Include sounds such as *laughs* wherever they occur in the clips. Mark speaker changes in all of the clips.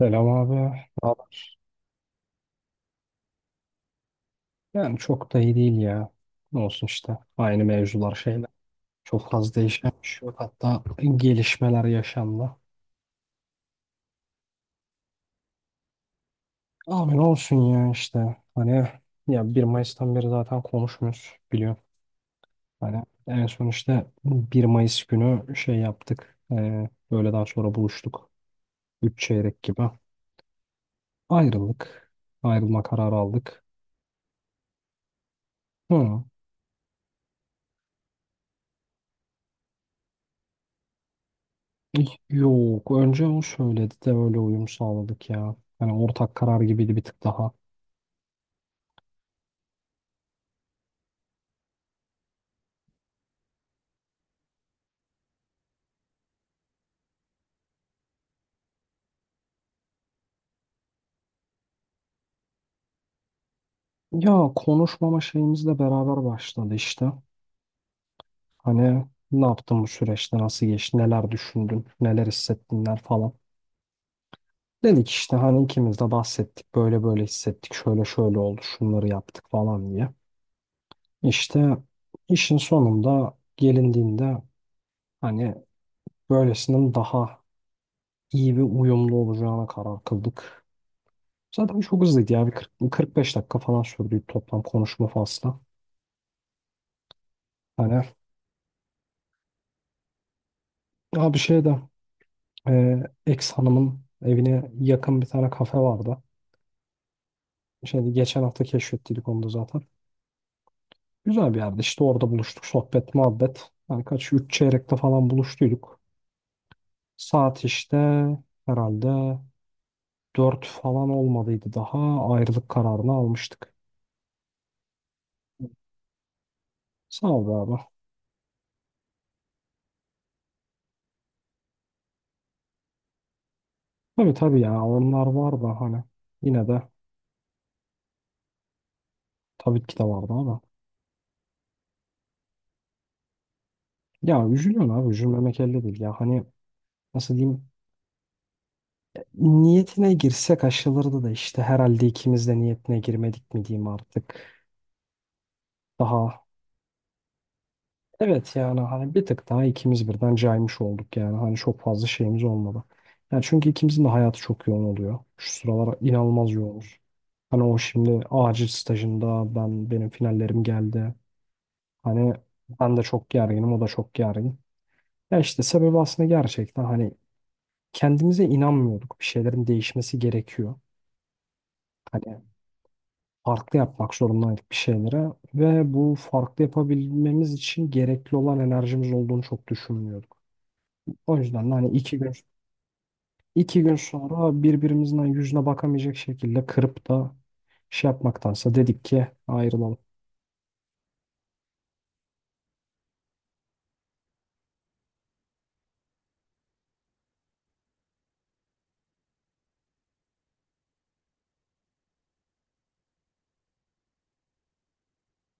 Speaker 1: Selam abi. Ne haber? Yani çok da iyi değil ya. Ne olsun işte. Aynı mevzular şeyler. Çok fazla değişen bir şey yok. Hatta gelişmeler yaşandı. Abi ne olsun ya işte. Hani ya 1 Mayıs'tan beri zaten konuşmuyoruz biliyorum. Hani en son işte 1 Mayıs günü şey yaptık. Öğleden sonra buluştuk. Üç çeyrek gibi. Ayrıldık. Ayrılma kararı aldık. Hı. Yok. Önce o söyledi de öyle uyum sağladık ya. Yani ortak karar gibiydi bir tık daha. Ya konuşmama şeyimizle beraber başladı işte. Hani ne yaptın bu süreçte, nasıl geçti, neler düşündün, neler hissettinler falan. Dedik işte hani ikimiz de bahsettik, böyle böyle hissettik, şöyle şöyle oldu, şunları yaptık falan diye. İşte işin sonunda gelindiğinde hani böylesinin daha iyi ve uyumlu olacağına karar kıldık. Zaten çok hızlıydı ya. Bir 40, 45 dakika falan sürdü toplam konuşma faslı. Hani abi şey de e, ex hanımın evine yakın bir tane kafe vardı. Şimdi geçen hafta keşfettiydik onu da zaten. Güzel bir yerde. İşte orada buluştuk. Sohbet, muhabbet. Yani kaç? Üç çeyrekte falan buluştuyduk. Saat işte herhalde 4 falan olmadıydı daha. Ayrılık kararını almıştık. Sağ ol be abi. Tabii tabii ya. Onlar var da hani. Yine de tabii ki de vardı ama. Ya üzülüyorsun abi, üzülmemek elde değil ya hani, nasıl diyeyim, niyetine girsek aşılırdı da işte herhalde ikimiz de niyetine girmedik mi diyeyim artık daha. Evet yani hani bir tık daha ikimiz birden caymış olduk, yani hani çok fazla şeyimiz olmadı. Yani çünkü ikimizin de hayatı çok yoğun oluyor şu sıralar, inanılmaz yoğunuz. Hani o şimdi acil stajında, benim finallerim geldi, hani ben de çok gerginim, o da çok gergin. Ya işte sebebi aslında gerçekten hani kendimize inanmıyorduk. Bir şeylerin değişmesi gerekiyor. Hani farklı yapmak zorundaydık bir şeylere ve bu farklı yapabilmemiz için gerekli olan enerjimiz olduğunu çok düşünmüyorduk. O yüzden de hani iki gün sonra birbirimizin hani yüzüne bakamayacak şekilde kırıp da şey yapmaktansa dedik ki ayrılalım.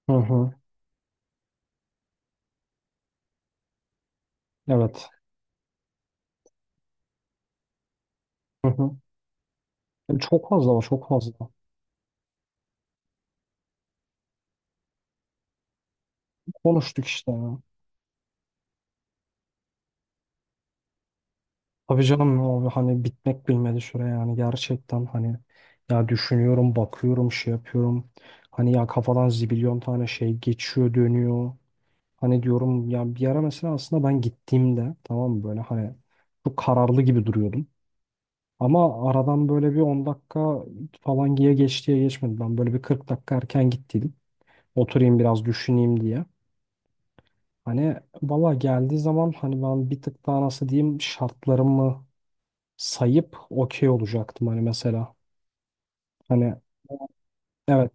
Speaker 1: Hı hı. Evet. Hı hı. Yani çok fazla var, çok fazla. Konuştuk işte ya. Tabii canım abi, hani bitmek bilmedi süre yani, gerçekten hani ya düşünüyorum, bakıyorum, şey yapıyorum hani, ya kafadan zibilyon tane şey geçiyor dönüyor, hani diyorum ya, bir ara mesela aslında ben gittiğimde, tamam mı böyle, hani çok kararlı gibi duruyordum ama aradan böyle bir 10 dakika falan diye geçtiye geçmedi, ben böyle bir 40 dakika erken gittiydim, oturayım biraz düşüneyim diye. Hani valla geldiği zaman hani ben bir tık daha, nasıl diyeyim, şartlarımı sayıp okey olacaktım hani mesela. Hani evet,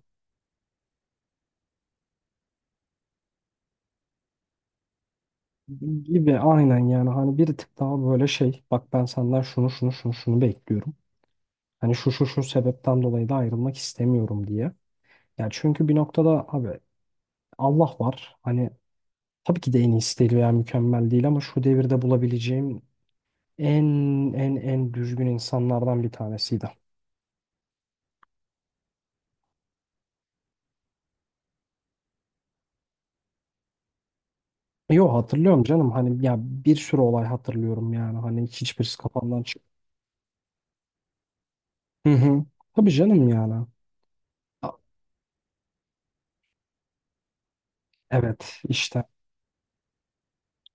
Speaker 1: gibi, aynen yani hani bir tık daha böyle şey, bak ben senden şunu şunu şunu şunu bekliyorum. Hani şu şu şu sebepten dolayı da ayrılmak istemiyorum diye. Yani çünkü bir noktada abi Allah var. Hani tabii ki de en iyisi değil veya mükemmel değil ama şu devirde bulabileceğim en en düzgün insanlardan bir tanesiydi. Yo hatırlıyorum canım, hani ya bir sürü olay hatırlıyorum, yani hani hiçbirisi kafamdan çık. Hı hı. Tabii canım yani. Evet işte,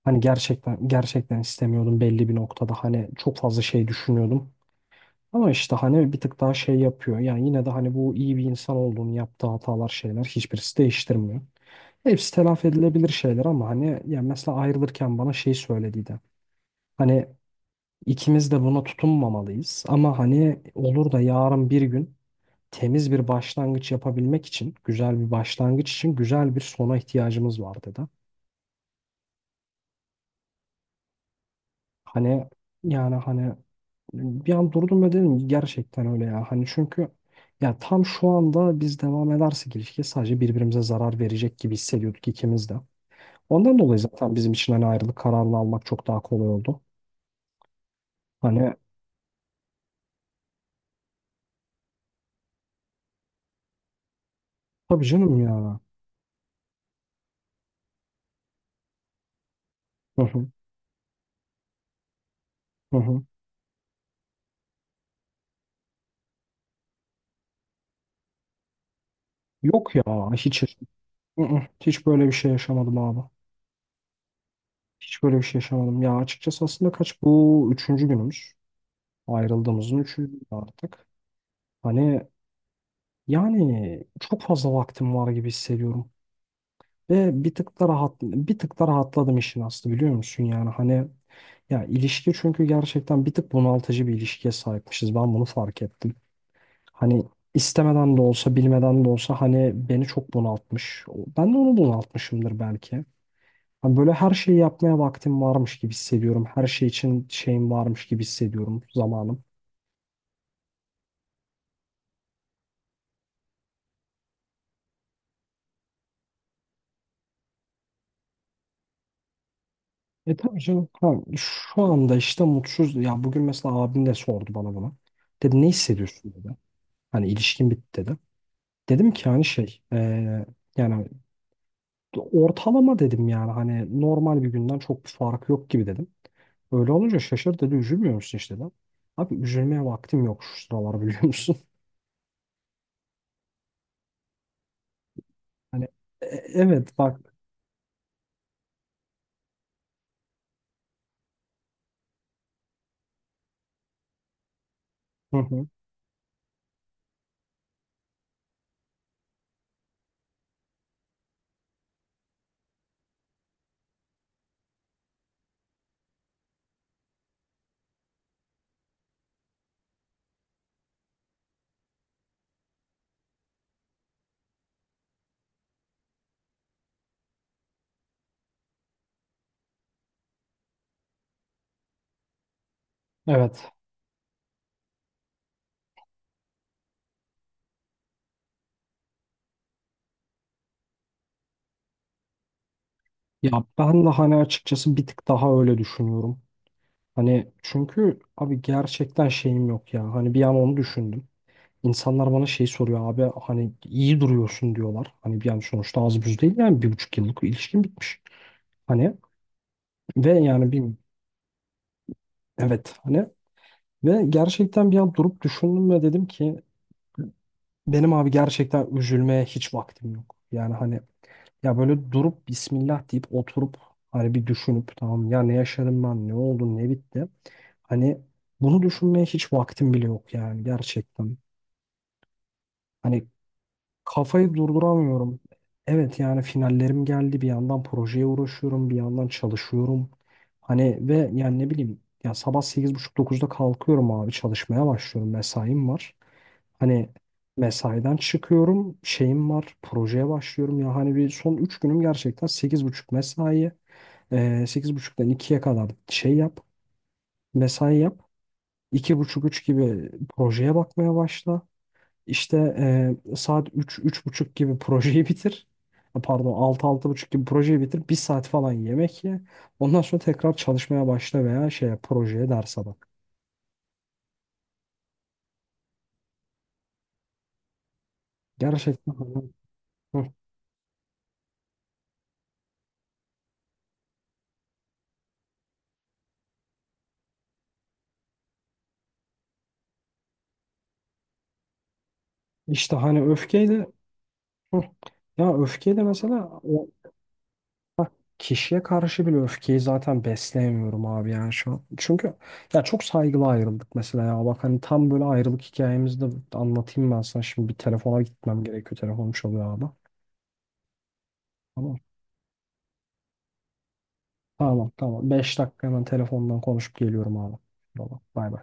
Speaker 1: hani gerçekten gerçekten istemiyordum belli bir noktada, hani çok fazla şey düşünüyordum. Ama işte hani bir tık daha şey yapıyor. Yani yine de hani bu iyi bir insan olduğunu yaptığı hatalar şeyler hiçbirisi değiştirmiyor. Hepsi telafi edilebilir şeyler ama hani, yani mesela ayrılırken bana şey söylediydi. Hani ikimiz de buna tutunmamalıyız ama hani olur da yarın bir gün temiz bir başlangıç yapabilmek için, güzel bir başlangıç için güzel bir sona ihtiyacımız var dedi. Hani yani hani bir an durdum ve dedim ki gerçekten öyle ya. Hani çünkü ya tam şu anda biz devam edersek ilişkiye sadece birbirimize zarar verecek gibi hissediyorduk ikimiz de. Ondan dolayı zaten bizim için hani ayrılık kararını almak çok daha kolay oldu. Hani tabii canım ya. Hı hı, hı hı. Yok ya, hiç hiç, hı hı, hiç böyle bir şey yaşamadım abi. Hiç böyle bir şey yaşamadım. Ya açıkçası aslında kaç, bu üçüncü günümüz. Ayrıldığımızın üçüncü günü artık. Hani yani çok fazla vaktim var gibi hissediyorum. Ve bir tık da rahatladım işin aslı biliyor musun yani hani, ya ilişki çünkü gerçekten bir tık bunaltıcı bir ilişkiye sahipmişiz. Ben bunu fark ettim. Hani istemeden de olsa, bilmeden de olsa hani beni çok bunaltmış. Ben de onu bunaltmışımdır belki. Hani böyle her şeyi yapmaya vaktim varmış gibi hissediyorum. Her şey için şeyim varmış gibi hissediyorum, zamanım. E tabii canım. Ha, şu anda işte mutsuz. Ya bugün mesela abim de sordu bana bunu. Dedi ne hissediyorsun dedi. Hani ilişkin bitti dedi. Dedim ki hani şey, yani ortalama dedim, yani hani normal bir günden çok bir fark yok gibi dedim. Öyle olunca şaşır dedi üzülmüyor musun işte dedim. Abi üzülmeye vaktim yok şu sıralar biliyor musun? *laughs* Hani e- evet bak, hı hı, evet ya ben de hani açıkçası bir tık daha öyle düşünüyorum. Hani çünkü abi gerçekten şeyim yok ya hani bir an onu düşündüm. İnsanlar bana şey soruyor abi hani iyi duruyorsun diyorlar. Hani bir an sonuçta az buz değil yani, 1,5 yıllık ilişkin bitmiş. Hani ve yani bir, evet hani ve gerçekten bir an durup düşündüm ve dedim ki benim abi gerçekten üzülmeye hiç vaktim yok. Yani hani ya böyle durup Bismillah deyip oturup hani bir düşünüp, tamam ya ne yaşadım ben, ne oldu, ne bitti. Hani bunu düşünmeye hiç vaktim bile yok yani gerçekten. Hani kafayı durduramıyorum. Evet yani finallerim geldi. Bir yandan projeye uğraşıyorum. Bir yandan çalışıyorum. Hani ve yani ne bileyim ya sabah 8:30-9'da kalkıyorum abi, çalışmaya başlıyorum. Mesaim var. Hani mesaiden çıkıyorum. Şeyim var. Projeye başlıyorum. Ya hani bir son 3 günüm gerçekten 8:30 mesai. Ee, 8:30'dan 2'ye kadar şey yap. Mesai yap. 2:30-3 gibi projeye bakmaya başla. İşte saat üç üç buçuk gibi projeyi *laughs* bitir. Ha, pardon altı altı buçuk gibi projeyi bitir. Bir saat falan yemek ye. Ondan sonra tekrar çalışmaya başla veya şeye projeye derse bak. Gerçekten hani, hı. işte hani öfkeyle, hı. Ya öfkeyle mesela o kişiye karşı bile öfkeyi zaten besleyemiyorum abi yani şu an. Çünkü ya çok saygılı ayrıldık mesela ya. Bak hani tam böyle ayrılık hikayemizi de anlatayım ben sana. Şimdi bir telefona gitmem gerekiyor. Telefonum çalıyor abi. Tamam. Tamam tamam. 5 dakika hemen telefondan konuşup geliyorum abi. Tamam. Bay bay.